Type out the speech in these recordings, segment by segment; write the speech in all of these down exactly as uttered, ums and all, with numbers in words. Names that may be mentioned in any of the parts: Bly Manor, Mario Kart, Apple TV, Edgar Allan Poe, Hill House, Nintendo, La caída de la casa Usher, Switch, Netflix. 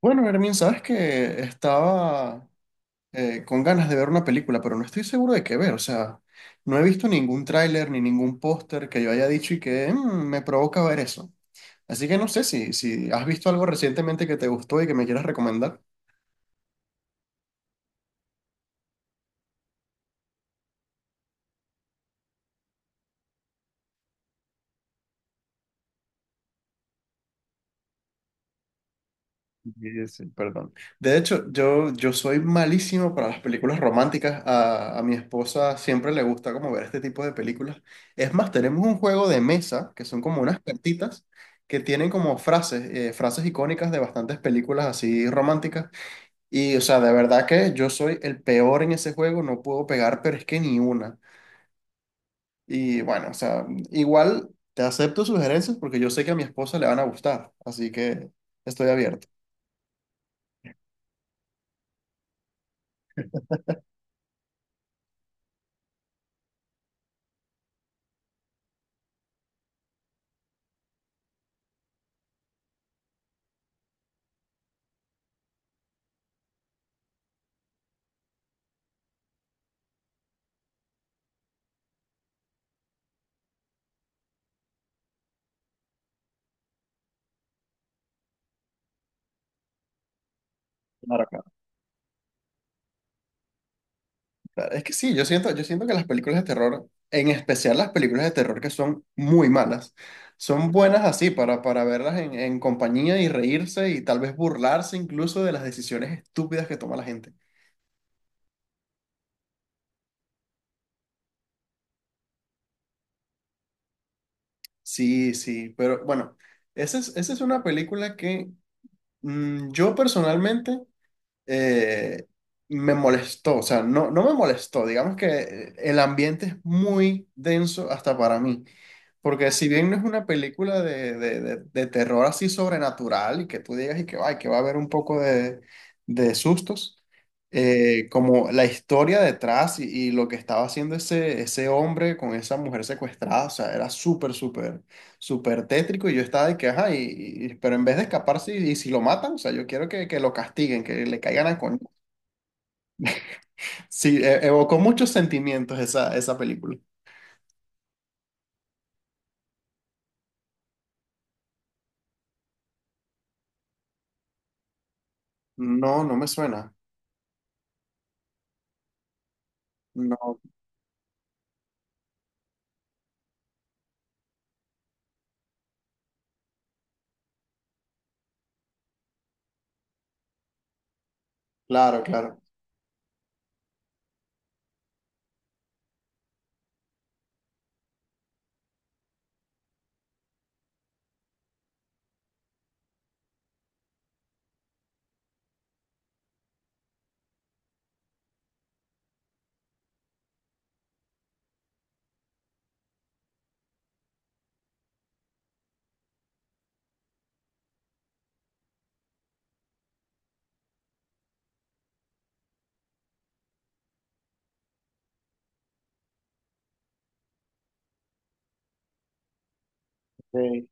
Bueno, Hermin, sabes que estaba eh, con ganas de ver una película, pero no estoy seguro de qué ver. O sea, no he visto ningún tráiler ni ningún póster que yo haya dicho y que "Mm, me provoca ver eso". Así que no sé si, si has visto algo recientemente que te gustó y que me quieras recomendar. Sí, sí, perdón. De hecho, yo, yo soy malísimo para las películas románticas. A, a mi esposa siempre le gusta como ver este tipo de películas. Es más, tenemos un juego de mesa que son como unas cartitas que tienen como frases, eh, frases icónicas de bastantes películas así románticas. Y, o sea, de verdad que yo soy el peor en ese juego, no puedo pegar, pero es que ni una. Y bueno, o sea, igual te acepto sugerencias porque yo sé que a mi esposa le van a gustar, así que estoy abierto. Claro, claro. Claro, es que sí, yo siento, yo siento que las películas de terror, en especial las películas de terror que son muy malas, son buenas así para, para verlas en, en compañía y reírse y tal vez burlarse incluso de las decisiones estúpidas que toma la gente. Sí, sí, pero bueno, esa es, esa es una película que mm, yo personalmente eh, me molestó, o sea, no, no me molestó, digamos que el ambiente es muy denso hasta para mí, porque si bien no es una película de, de, de- de terror así sobrenatural y que tú digas y que, ay, que va a haber un poco de, de sustos, eh, como la historia detrás y, y lo que estaba haciendo ese, ese hombre con esa mujer secuestrada, o sea, era súper, súper súper tétrico y yo estaba de que, ajá, y, y- pero en vez de escaparse y, y si lo matan, o sea, yo quiero que, que lo castiguen, que le caigan a con... Sí, e- evocó muchos sentimientos esa, esa película. No, no me suena. No, claro, claro. Okay.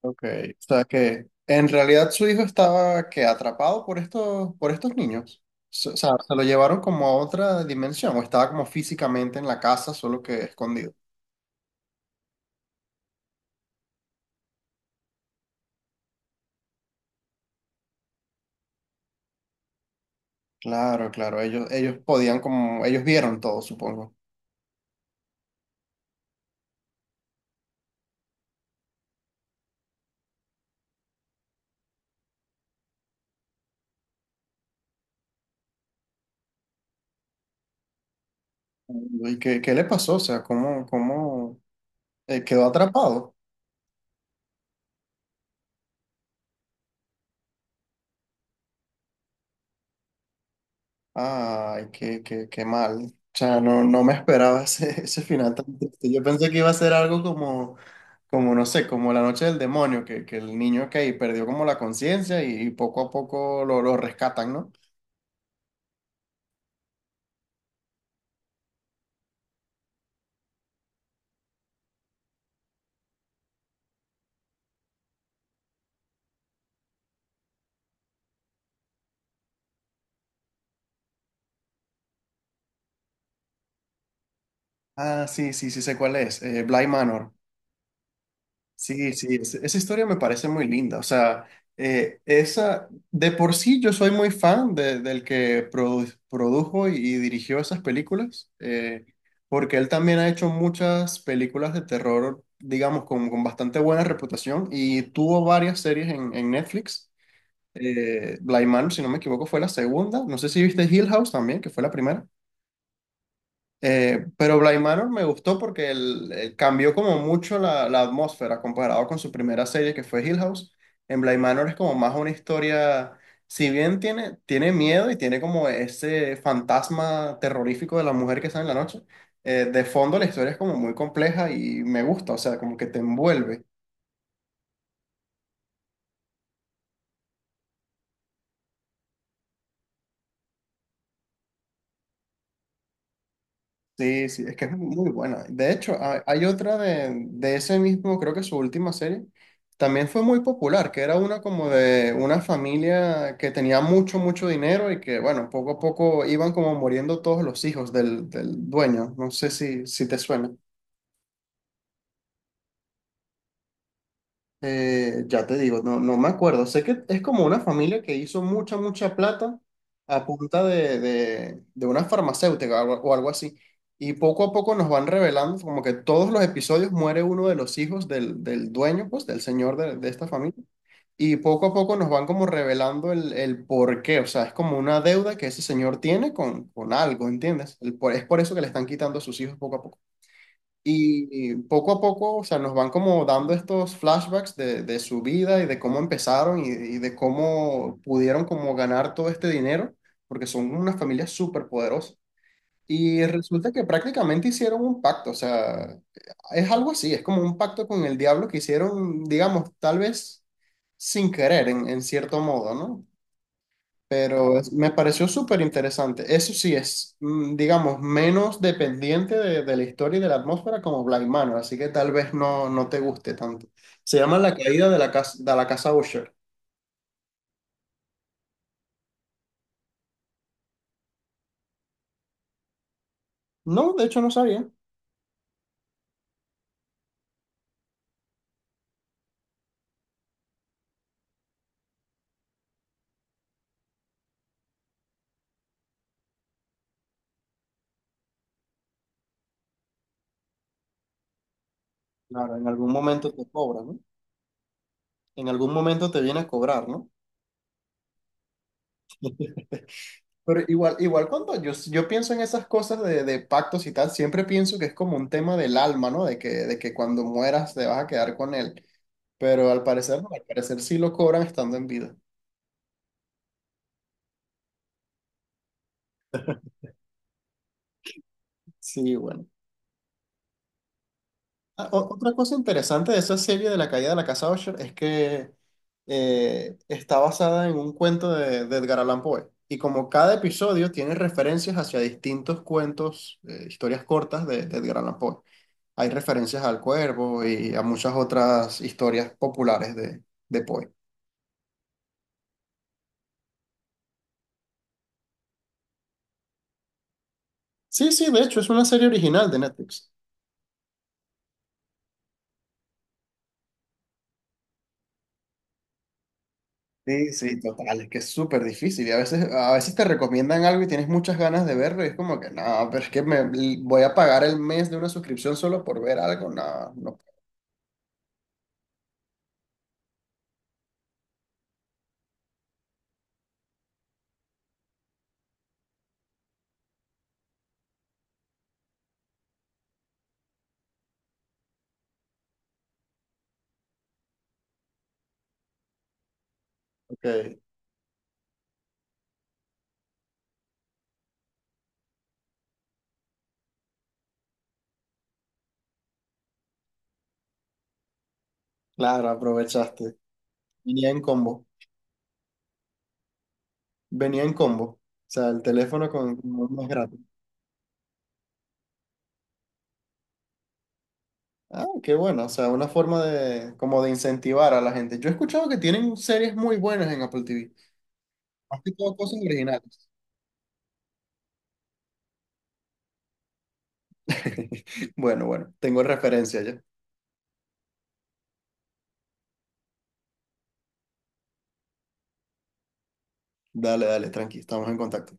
Ok. O sea que en realidad su hijo estaba que atrapado por estos, por estos niños. S- O sea, se lo llevaron como a otra dimensión, o estaba como físicamente en la casa, solo que escondido. Claro, claro, ellos, ellos podían como, ellos vieron todo, supongo. ¿Y qué, qué le pasó? O sea, ¿cómo, cómo eh, quedó atrapado? Ay, qué, qué, qué mal. O sea, no, no me esperaba ese, ese final tan triste. Yo pensé que iba a ser algo como, como no sé, como la noche del demonio, que, que el niño que perdió como la conciencia y, y poco a poco lo, lo rescatan, ¿no? Ah, sí, sí, sí sé cuál es. Eh, Bly Manor. Sí, sí, es- esa historia me parece muy linda. O sea, eh, esa, de por sí yo soy muy fan de- del que produ- produjo y, y dirigió esas películas, eh, porque él también ha hecho muchas películas de terror, digamos, con, con bastante buena reputación y tuvo varias series en, en Netflix. Eh, Bly Manor, si no me equivoco, fue la segunda. No sé si viste Hill House también, que fue la primera. Eh, pero Bly Manor me gustó porque el- el cambió como mucho la, la atmósfera comparado con su primera serie que fue Hill House. En Bly Manor es como más una historia, si bien tiene, tiene miedo y tiene como ese fantasma terrorífico de la mujer que sale en la noche, eh, de fondo la historia es como muy compleja y me gusta, o sea, como que te envuelve. Sí, sí, es que es muy buena. De hecho, ha- hay otra de, de ese mismo, creo que su última serie, también fue muy popular, que era una como de una familia que tenía mucho, mucho dinero y que, bueno, poco a poco iban como muriendo todos los hijos del, del dueño. No sé si, si te suena. Eh, ya te digo, no, no me acuerdo. Sé que es como una familia que hizo mucha, mucha plata a punta de, de, de una farmacéutica o, o algo así. Y poco a poco nos van revelando como que todos los episodios muere uno de los hijos del, del dueño, pues, del señor de, de esta familia. Y poco a poco nos van como revelando el, el por qué. O sea, es como una deuda que ese señor tiene con, con algo, ¿entiendes? El por- es por eso que le están quitando a sus hijos poco a poco. Y poco a poco, o sea, nos van como dando estos flashbacks de, de su vida y de cómo empezaron y, y de cómo pudieron como ganar todo este dinero, porque son una familia súper poderosa. Y resulta que prácticamente hicieron un pacto, o sea, es algo así, es como un pacto con el diablo que hicieron, digamos, tal vez sin querer, en, en cierto modo, ¿no? Pero es- me pareció súper interesante. Eso sí es, mm, digamos, menos dependiente de, de la historia y de la atmósfera como Blind Manor, así que tal vez no, no te guste tanto. Se llama La caída de la casa, de la casa Usher. No, de hecho no sabía. Claro, en algún momento te cobra, ¿no? En algún momento te viene a cobrar, ¿no? Pero igual, igual cuando yo, yo pienso en esas cosas de, de pactos y tal, siempre pienso que es como un tema del alma, ¿no? De que, de que cuando mueras te vas a quedar con él. Pero al parecer, no, al parecer sí lo cobran estando en vida. Sí, bueno. Ah, o- otra cosa interesante de esa serie de la caída de la casa Usher es que eh, está basada en un cuento de, de Edgar Allan Poe. Y como cada episodio tiene referencias hacia distintos cuentos, eh, historias cortas de, de Edgar Allan Poe. Hay referencias al cuervo y a muchas otras historias populares de, de Poe. Sí, sí, de hecho es una serie original de Netflix. Sí, sí, total, es que es súper difícil y a veces, a veces te recomiendan algo y tienes muchas ganas de verlo y es como que no, pero es que me voy a pagar el mes de una suscripción solo por ver algo, no, no. Ok, claro, aprovechaste. Venía en combo, venía en combo, o sea, el teléfono con con más gratis. Ah, qué bueno, o sea, una forma de, como de incentivar a la gente. Yo he escuchado que tienen series muy buenas en Apple T V, más que todo cosas originales. Bueno, bueno, tengo referencia ya. Dale, dale, tranqui, estamos en contacto.